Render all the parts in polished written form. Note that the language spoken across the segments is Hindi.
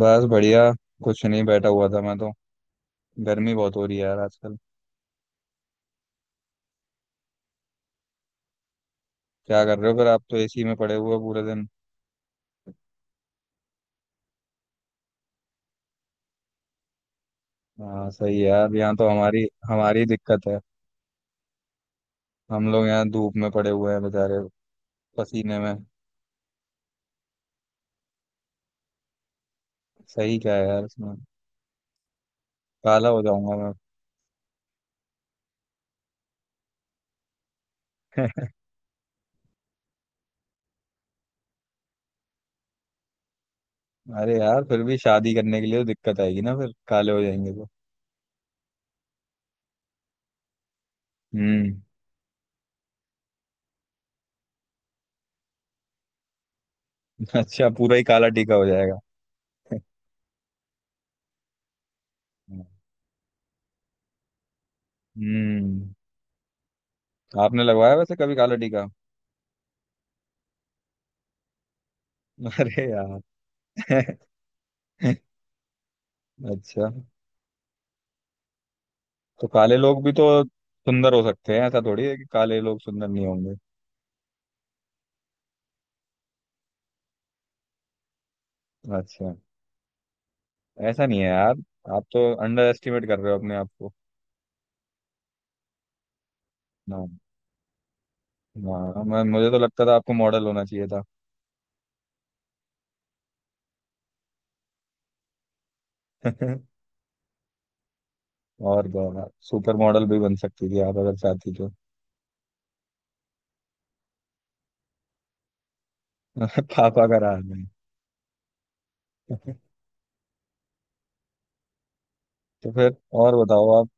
बस बढ़िया। कुछ नहीं, बैठा हुआ था मैं तो। गर्मी बहुत हो रही है यार आजकल। क्या कर रहे हो फिर? आप तो एसी में पड़े हुए हो पूरे दिन। हाँ, सही है यार, यहाँ तो हमारी हमारी दिक्कत है। हम लोग यहाँ धूप में पड़े हुए हैं बेचारे, पसीने में। सही क्या है यार इसमें। काला हो जाऊंगा मैं। अरे यार फिर भी शादी करने के लिए तो दिक्कत आएगी ना, फिर काले हो जाएंगे तो। हम्म। अच्छा, पूरा ही काला टीका हो जाएगा। हम्म। आपने लगवाया वैसे कभी काला टीका? अरे यार। अच्छा। तो काले लोग भी तो सुंदर हो सकते हैं, ऐसा थोड़ी है कि काले लोग सुंदर नहीं होंगे। अच्छा। ऐसा नहीं है यार, आप तो अंडर एस्टिमेट कर रहे हो अपने आप को। ना, ना। मैं मुझे तो लगता था आपको मॉडल होना चाहिए था। और तो सुपर मॉडल भी बन सकती थी आप अगर चाहती तो। पापा का राज नहीं। तो फिर, और बताओ आप।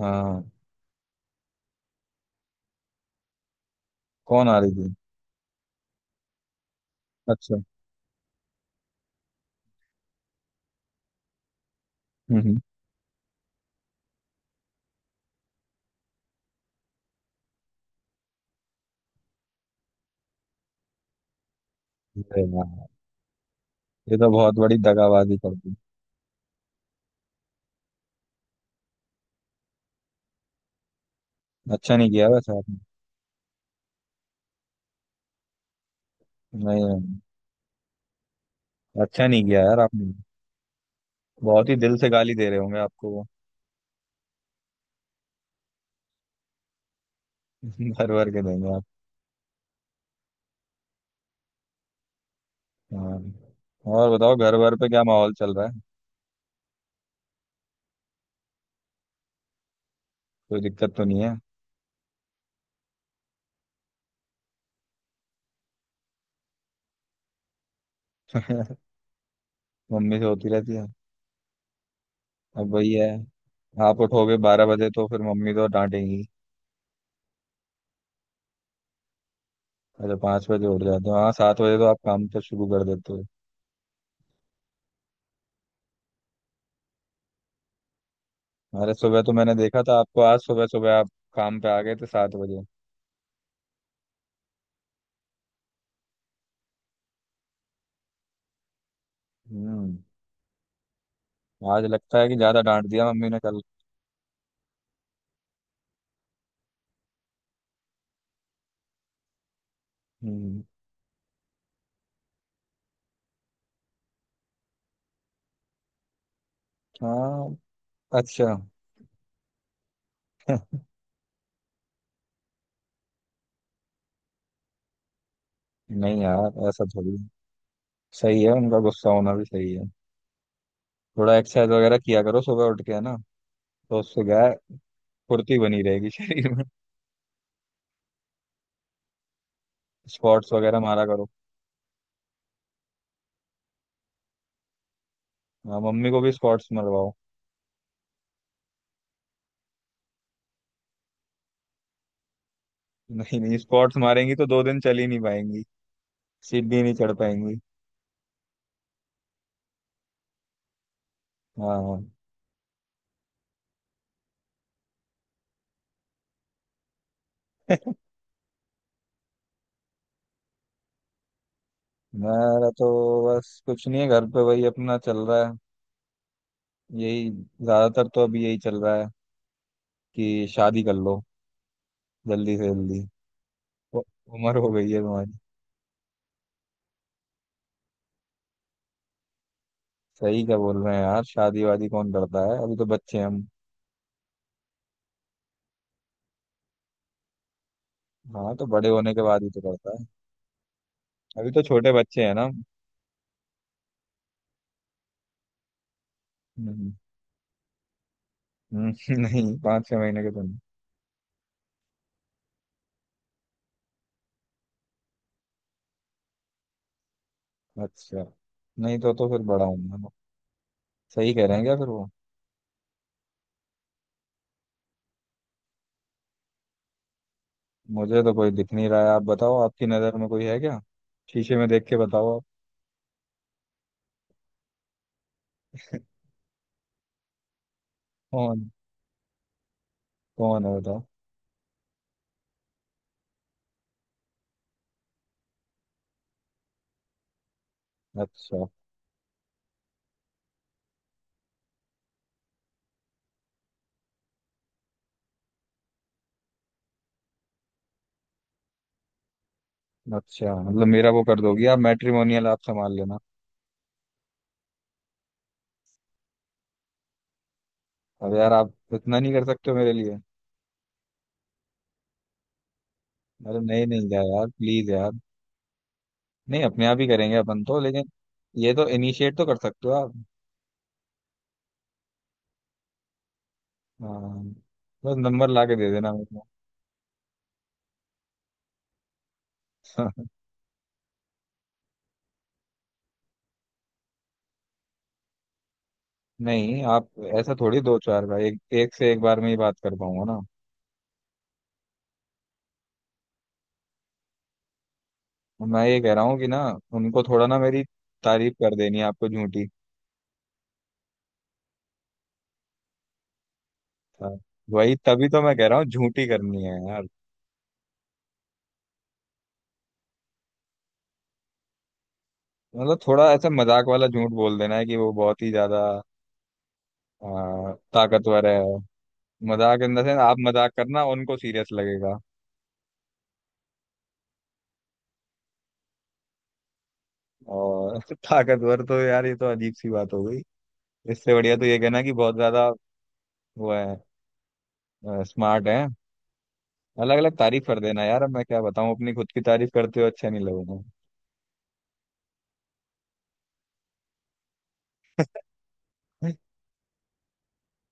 हाँ। कौन आ रही थी? अच्छा। हम्म हम्म। अरे यार, ये तो बहुत बड़ी दगाबाजी कर दी। अच्छा नहीं किया वैसे आपने। नहीं नहीं, अच्छा नहीं किया यार आपने। बहुत ही दिल से गाली दे रहे होंगे आपको वो। भर भर के देंगे आप। हाँ, और बताओ, घर भर पे क्या माहौल चल रहा है? कोई दिक्कत तो नहीं है? मम्मी से होती रहती है। अब वही है, आप उठोगे 12 बजे तो फिर मम्मी तो डांटेंगी। अच्छा, 5 बजे उठ जाते हो? हाँ, 7 बजे तो आप काम तो शुरू कर देते हो। अरे सुबह तो मैंने देखा था आपको, आज सुबह सुबह आप काम पे आ गए थे 7 बजे। हम्म। आज लगता है कि ज्यादा डांट दिया मम्मी ने कल। हम्म। हाँ। अच्छा। नहीं यार, ऐसा थोड़ी है। सही है, उनका गुस्सा होना भी सही है। थोड़ा एक्सरसाइज वगैरह किया करो सुबह उठ के, है ना? तो उससे क्या है, फुर्ती बनी रहेगी शरीर में। स्क्वाट्स वगैरह मारा करो। हाँ, मम्मी को भी स्क्वाट्स मरवाओ। नहीं नहीं, स्क्वाट्स मारेंगी तो 2 दिन चल ही नहीं पाएंगी, सीढ़ी नहीं चढ़ पाएंगी। हाँ हाँ। मेरा तो बस कुछ नहीं है। घर पे वही अपना चल रहा है, यही ज्यादातर तो अभी यही चल रहा है कि शादी कर लो जल्दी से जल्दी। उ- उम्र हो गई है तुम्हारी। सही क्या बोल रहे हैं यार, शादी वादी कौन करता है, अभी तो बच्चे हैं हम। हाँ तो बड़े होने के बाद ही तो करता है, अभी तो छोटे बच्चे हैं ना। हम्म, हम्म, नहीं, 5-6 महीने के तो नहीं। अच्छा। नहीं तो फिर बड़ा हूँ मैं। सही कह रहे हैं क्या फिर वो? मुझे तो कोई दिख नहीं रहा है, आप बताओ आपकी नज़र में कोई है क्या? शीशे में देख के बताओ आप। कौन कौन है बताओ। अच्छा। अच्छा, मतलब मेरा वो कर दोगी आप, मैट्रिमोनियल आप संभाल लेना। अब यार, आप इतना नहीं कर सकते हो मेरे लिए? अरे नहीं नहीं यार, प्लीज यार। नहीं, अपने आप ही करेंगे अपन तो, लेकिन ये तो इनिशिएट तो कर सकते हो आप। हाँ, बस नंबर ला के दे देना मेरे को। नहीं आप, ऐसा थोड़ी, दो चार बार एक एक से, एक बार में ही बात कर पाऊंगा ना। मैं ये कह रहा हूँ कि ना, उनको थोड़ा ना, मेरी तारीफ कर देनी है आपको, झूठी। हाँ, वही तभी तो मैं कह रहा हूँ, झूठी करनी है यार। मतलब थोड़ा ऐसा मजाक वाला झूठ बोल देना है कि वो बहुत ही ज्यादा ताकतवर है। मजाक इन द सेंस, आप मजाक करना उनको सीरियस लगेगा। और ताकतवर तो यार, ये तो अजीब सी बात हो गई। इससे बढ़िया तो ये कहना कि बहुत ज्यादा वो है, स्मार्ट है। अलग अलग तारीफ कर देना यार, अब मैं क्या बताऊं, अपनी खुद की तारीफ करते हो अच्छा नहीं लगूंगा।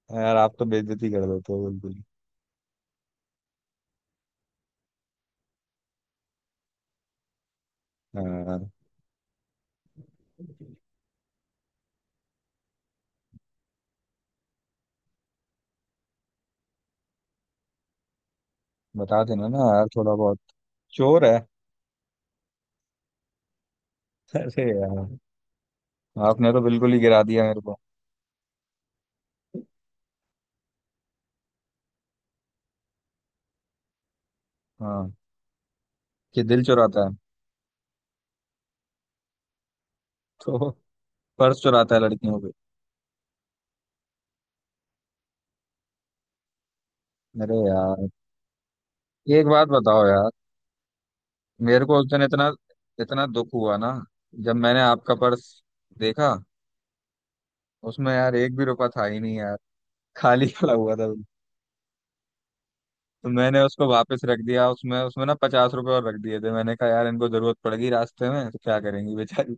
यार आप तो बेइज्जती कर देते हो बिल्कुल। हाँ। बता देना ना यार थोड़ा बहुत, चोर है। अरे यार, आपने तो बिल्कुल ही गिरा दिया मेरे को। हाँ, कि दिल चुराता है। तो पर्स चुराता है लड़कियों के। अरे यार, एक बात बताओ यार, मेरे को उस दिन इतना इतना दुख हुआ ना, जब मैंने आपका पर्स देखा। उसमें यार एक भी रुपया था ही नहीं यार, खाली पड़ा हुआ था। तो मैंने उसको वापस रख दिया, उसमें उसमें ना 50 रुपए और रख दिए थे। मैंने कहा यार इनको जरूरत पड़ेगी रास्ते में, तो क्या करेंगी बेचारी।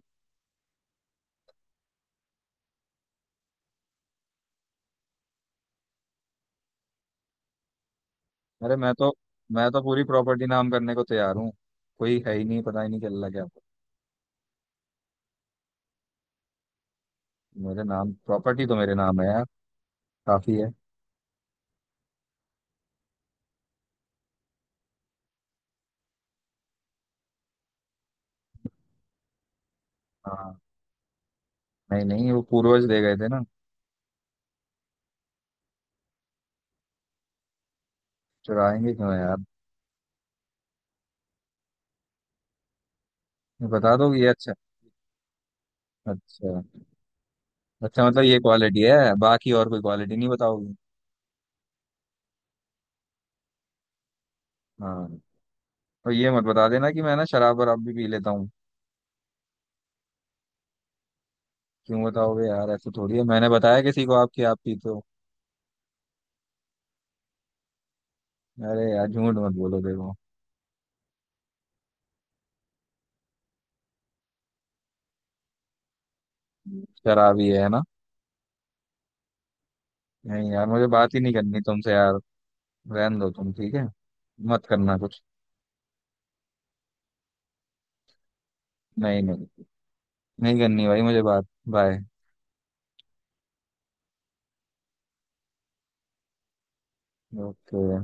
अरे मैं तो पूरी प्रॉपर्टी नाम करने को तैयार हूँ। कोई है ही नहीं, पता ही नहीं चल रहा क्या। मेरे नाम प्रॉपर्टी तो मेरे नाम है यार, काफी है। हाँ। नहीं नहीं, वो पूर्वज दे गए थे ना, चुराएंगे क्यों यार। ये बता दो ये। अच्छा। अच्छा, अच्छा मतलब ये क्वालिटी है, बाकी और कोई क्वालिटी नहीं बताओगी? हाँ, और ये मत बता देना कि मैं ना शराब वराब भी पी लेता हूँ। क्यों बताओगे यार? ऐसे थोड़ी है, मैंने बताया किसी को आपकी आप पीते हो? अरे यार झूठ मत बोलो देखो। शराबी है ना? नहीं यार, मुझे बात ही नहीं करनी तुमसे यार, रहने दो तुम, ठीक है, मत करना कुछ। नहीं नहीं, नहीं करनी भाई मुझे बात। बाय। ओके।